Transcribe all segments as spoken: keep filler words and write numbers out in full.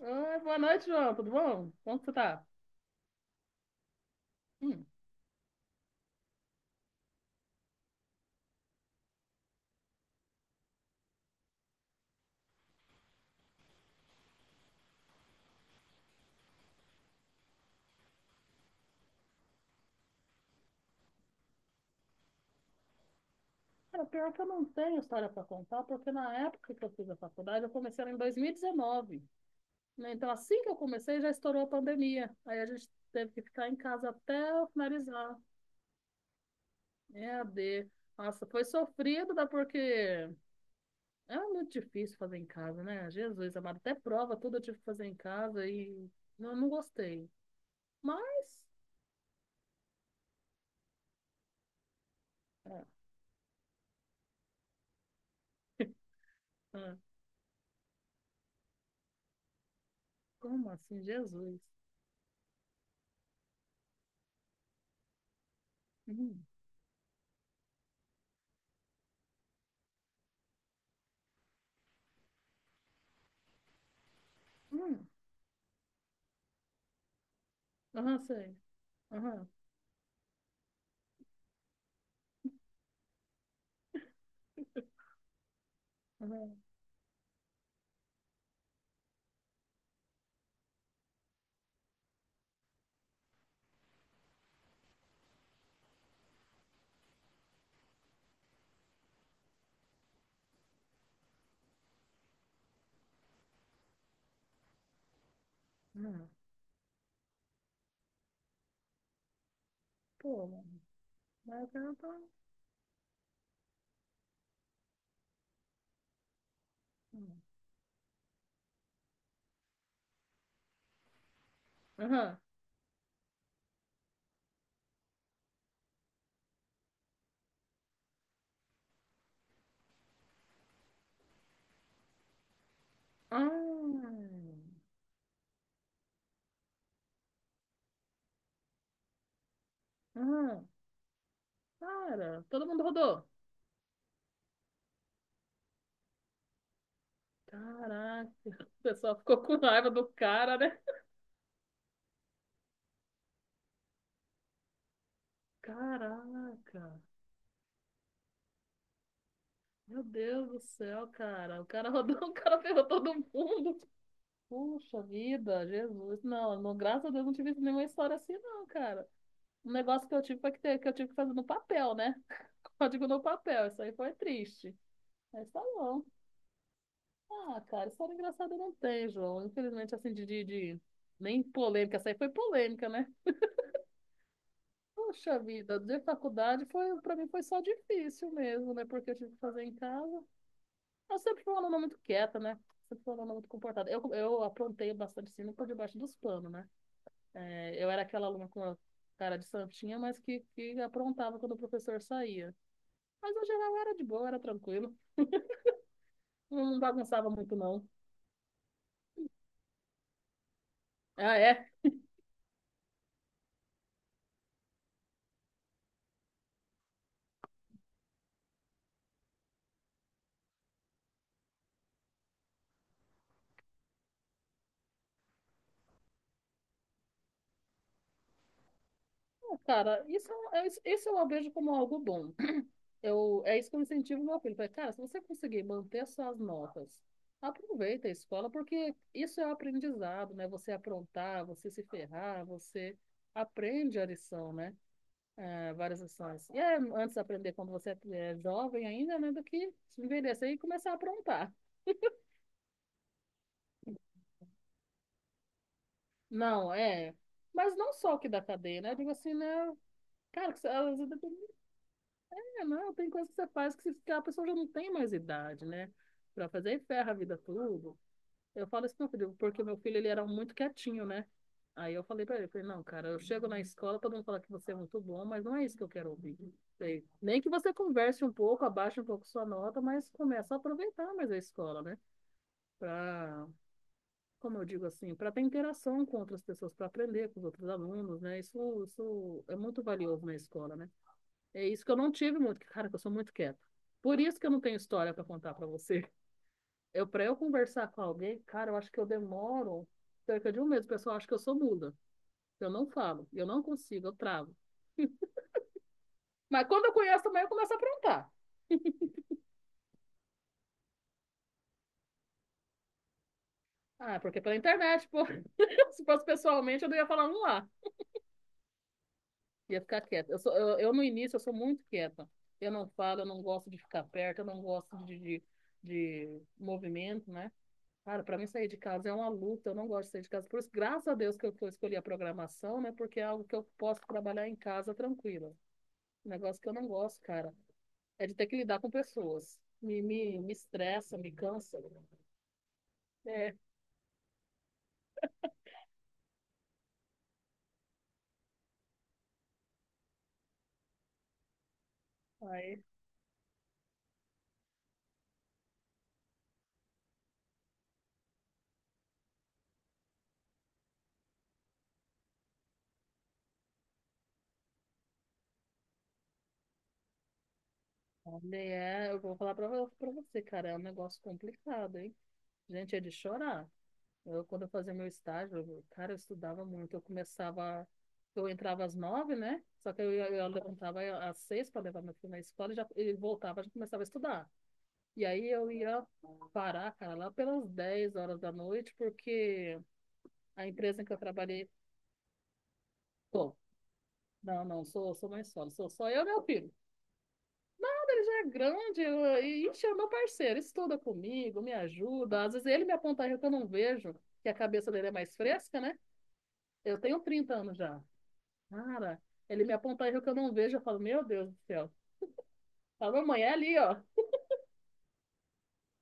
Oi, boa noite, João. Tudo bom? Como que você tá? Hum. Cara, pior que eu não tenho história para contar, porque na época que eu fiz a faculdade, eu comecei ela em dois mil e dezenove, né? Então, assim que eu comecei, já estourou a pandemia. Aí a gente teve que ficar em casa até eu finalizar. É a d. Nossa, foi sofrido, né? Porque é muito difícil fazer em casa, né? Jesus amado, até prova tudo eu tive que fazer em casa e eu não gostei. Mas, é, é. como assim, Jesus? Hum, hum. Aham, sei. Aham, aham, aham. Pô, mano, mas eu tô... Hum. Aham. Ah, aham. Cara, todo mundo rodou. Caraca, o pessoal ficou com raiva do cara, né? Caraca, meu Deus do céu, cara. O cara rodou, o cara ferrou todo mundo. Puxa vida, Jesus. Não, não, graças a Deus não tive nenhuma história assim, não, cara. Um negócio que eu tive foi que, ter, que eu tive que fazer no papel, né? Código no papel, isso aí foi triste. Mas tá bom. Ah, cara, história engraçada não tem, João. Infelizmente, assim, de, de, de- nem polêmica, essa aí foi polêmica, né? Poxa vida, de faculdade foi, pra mim foi só difícil mesmo, né? Porque eu tive que fazer em casa. Eu sempre fui uma aluna muito quieta, né? Sempre fui uma aluna muito comportada. Eu, eu aprontei bastante, assim, por debaixo dos panos, né? É, eu era aquela aluna com a cara de santinha, mas que, que aprontava quando o professor saía. Mas, no geral, era de boa, era tranquilo. Não bagunçava muito, não. Ah, é? Cara, isso, é um- é, isso isso eu vejo como algo bom. Eu, é isso que eu incentivo meu filho. Falei, cara, se você conseguir manter suas notas, aproveita a escola, porque isso é o aprendizado, né? Você aprontar, você se ferrar, você aprende a lição, né? É, várias lições. E é antes de aprender quando você é jovem ainda, né? Do que envelhecer e começar a aprontar. Não, é. Mas não só o que da cadeia, né? Eu digo assim, né? Cara, que você, às vezes, é, não, tem coisa que você faz que, você- que a pessoa já não tem mais idade, né? Pra fazer e ferra a vida tudo. Eu falo isso pro meu filho, porque o meu filho ele era muito quietinho, né? Aí eu falei pra ele, falei, não, cara, eu chego na escola, todo mundo fala que você é muito bom, mas não é isso que eu quero ouvir. Falei, nem que você converse um pouco, abaixe um pouco sua nota, mas começa a aproveitar mais a escola, né? Pra, como eu digo assim, para ter interação com outras pessoas, para aprender com os outros alunos, né? Isso, isso é muito valioso na escola, né? É isso que eu não tive muito, cara, que eu sou muito quieta. Por isso que eu não tenho história para contar para você. Eu, pra eu conversar com alguém, cara, eu acho que eu demoro cerca de um mês. O pessoal acha que eu sou muda. Eu não falo, eu não consigo, eu travo. Mas quando eu conheço também, eu começo a aprontar. Ah, porque pela internet, pô. Se fosse pessoalmente, eu não ia falar um lá. Ia ficar quieta. Eu, sou, eu, eu, no início, eu sou muito quieta. Eu não falo, eu não gosto de ficar perto, eu não gosto de, de, de movimento, né? Cara, para mim sair de casa é uma luta, eu não gosto de sair de casa. Por isso, graças a Deus que eu, que eu escolhi a programação, né? Porque é algo que eu posso trabalhar em casa tranquila. Um negócio que eu não gosto, cara, é de ter que lidar com pessoas. Me, me, me estressa, me cansa. É, aí, olha, é, eu vou falar pra, vo- pra você, cara, é um negócio complicado, hein? Gente, é de chorar. Eu, quando eu fazia meu estágio, eu- cara, eu estudava muito. Eu começava, eu entrava às nove, né? Só que eu, ia- eu levantava às seis para levar meu filho na escola e já, ele voltava, já começava a estudar. E aí eu ia parar, cara, lá pelas dez horas da noite, porque a empresa em que eu trabalhei, bom, não, não, sou, sou mãe solo, sou só eu e meu filho. Quando ele já é grande, eu- e ixi, é meu parceiro, estuda comigo, me ajuda. Às vezes ele me aponta erro que eu não vejo, que a cabeça dele é mais fresca, né? Eu tenho trinta anos já. Cara, ele me aponta erro que eu não vejo, eu falo, meu Deus do céu. Fala, mamãe, é ali, ó.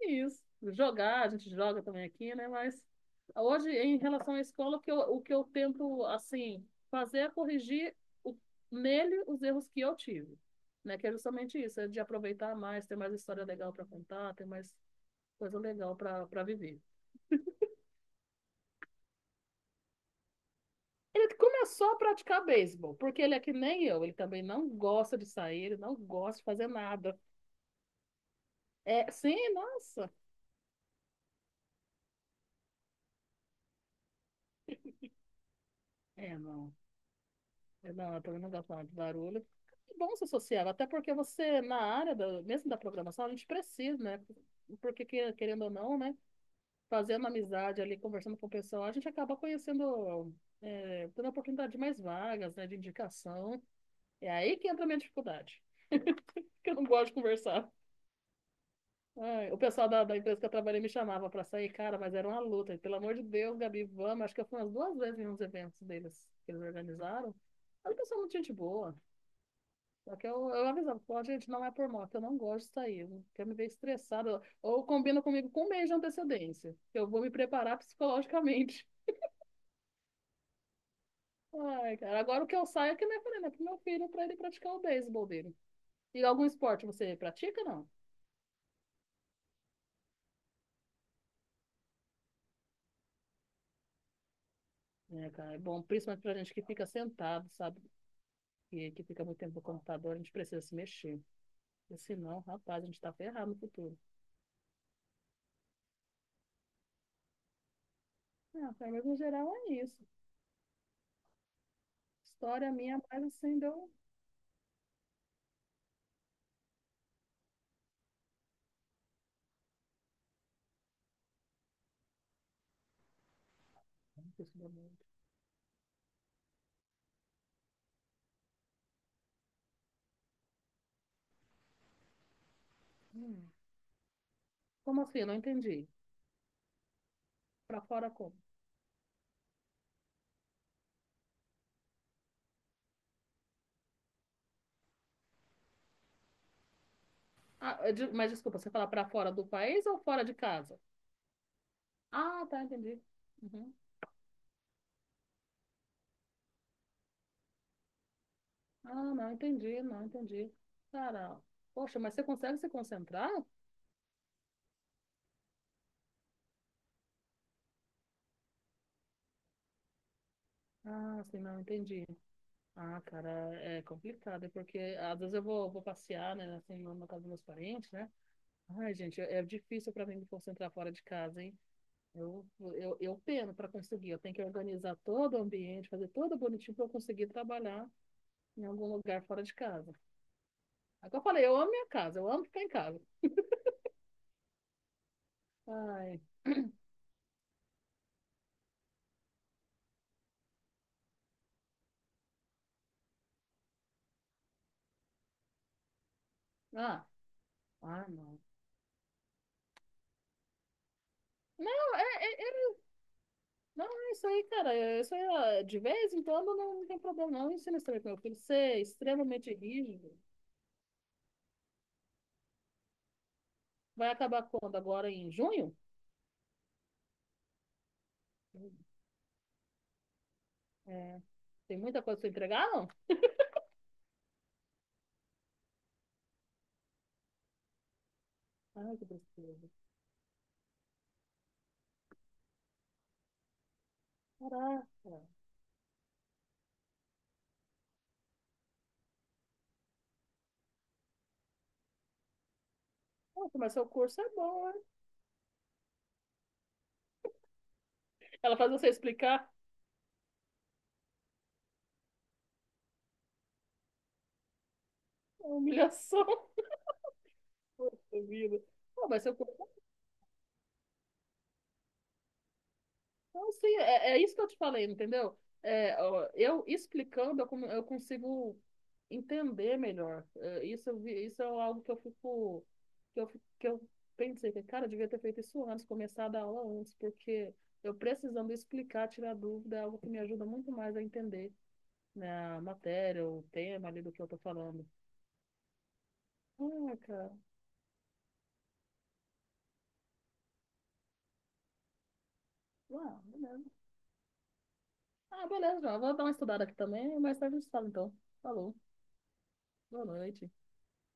Isso. Jogar, a gente joga também aqui, né? Mas hoje, em relação à escola, o que eu, o que eu tento, assim, fazer é corrigir o- nele os erros que eu tive, né? Que é justamente isso, é de aproveitar mais, ter mais história legal para contar, ter mais coisa legal para para viver. Ele começou a praticar beisebol, porque ele é que nem eu, ele também não gosta de sair, ele não gosta de fazer nada. É, sim, nossa. É, não. Não, eu também não gosto nada de barulho. É bom ser social, até porque você, na área, da- mesmo da programação, a gente precisa, né? Porque, que- querendo ou não, né? Fazendo amizade ali, conversando com o pessoal, a gente acaba conhecendo, é, tendo a oportunidade de mais vagas, né? De indicação. É aí que entra a minha dificuldade, porque eu não gosto de conversar. Ai, o pessoal da, da empresa que eu trabalhei me chamava para sair, cara, mas era uma luta. E, pelo amor de Deus, Gabi, vamos. Acho que eu fui umas duas vezes em uns eventos deles que eles organizaram. Era um pessoal é muito gente boa. Só que eu, eu avisava, pô, gente, não é por moto, eu não gosto de sair, eu quero me ver estressada. Ou combina comigo com um mês de antecedência, que eu vou me preparar psicologicamente. Ai, cara, agora o que eu saio é que nem eu falei, né, pro meu filho, pra ele praticar o beisebol dele. E algum esporte você pratica, não? É, cara, é bom, principalmente pra gente que fica sentado, sabe? Que, que fica muito tempo no computador, a gente precisa se mexer. Porque senão, rapaz, a gente tá ferrado no futuro. Ah, cara, mas no geral é isso. História minha, mas assim, deu... um- Hum. Como assim? Eu não entendi. Pra fora como? Ah, eu digo- mas desculpa, você fala pra fora do país ou fora de casa? Ah, tá, entendi. Uhum. Ah, não, entendi, não, entendi. Cara, poxa, mas você consegue se concentrar? Ah, sim, não, entendi. Ah, cara, é complicado, é porque às vezes eu vou, vou passear, né, assim, na casa dos meus parentes, né? Ai, gente, é é difícil pra mim me concentrar fora de casa, hein? Eu, eu, eu peno pra conseguir, eu tenho que organizar todo o ambiente, fazer tudo bonitinho pra eu conseguir trabalhar em algum lugar fora de casa. É que eu falei, eu amo minha casa, eu amo ficar em casa. Ai, ah, ah, não. Não, é, é- é- não, é isso aí, cara. É isso aí, ó, de vez em quando não, não tem problema, não. Ensina isso também pro meu filho. Ser extremamente rígido. Vai acabar quando? Agora em junho? É, tem muita coisa pra entregar, não? Ai, que tristeza. Caraca. Nossa, mas seu curso é bom, né? Ela faz você explicar. É uma humilhação. Poxa vida. Pô, mas seu curso. Então, assim, é, é isso que eu te falei, entendeu? É, ó, eu explicando, eu, con- eu consigo entender melhor. É, isso, eu vi- isso é algo que eu fico, que eu, fico- que eu pensei, que, cara, eu devia ter feito isso antes, começar a dar aula antes, porque eu precisando explicar, tirar dúvida, é algo que me ajuda muito mais a entender, né, a matéria, o tema ali do que eu tô falando. Ah, cara. Ah, beleza. Ah, beleza, já. Vou dar uma estudada aqui também, mais tarde a gente fala, então. Falou. Boa noite.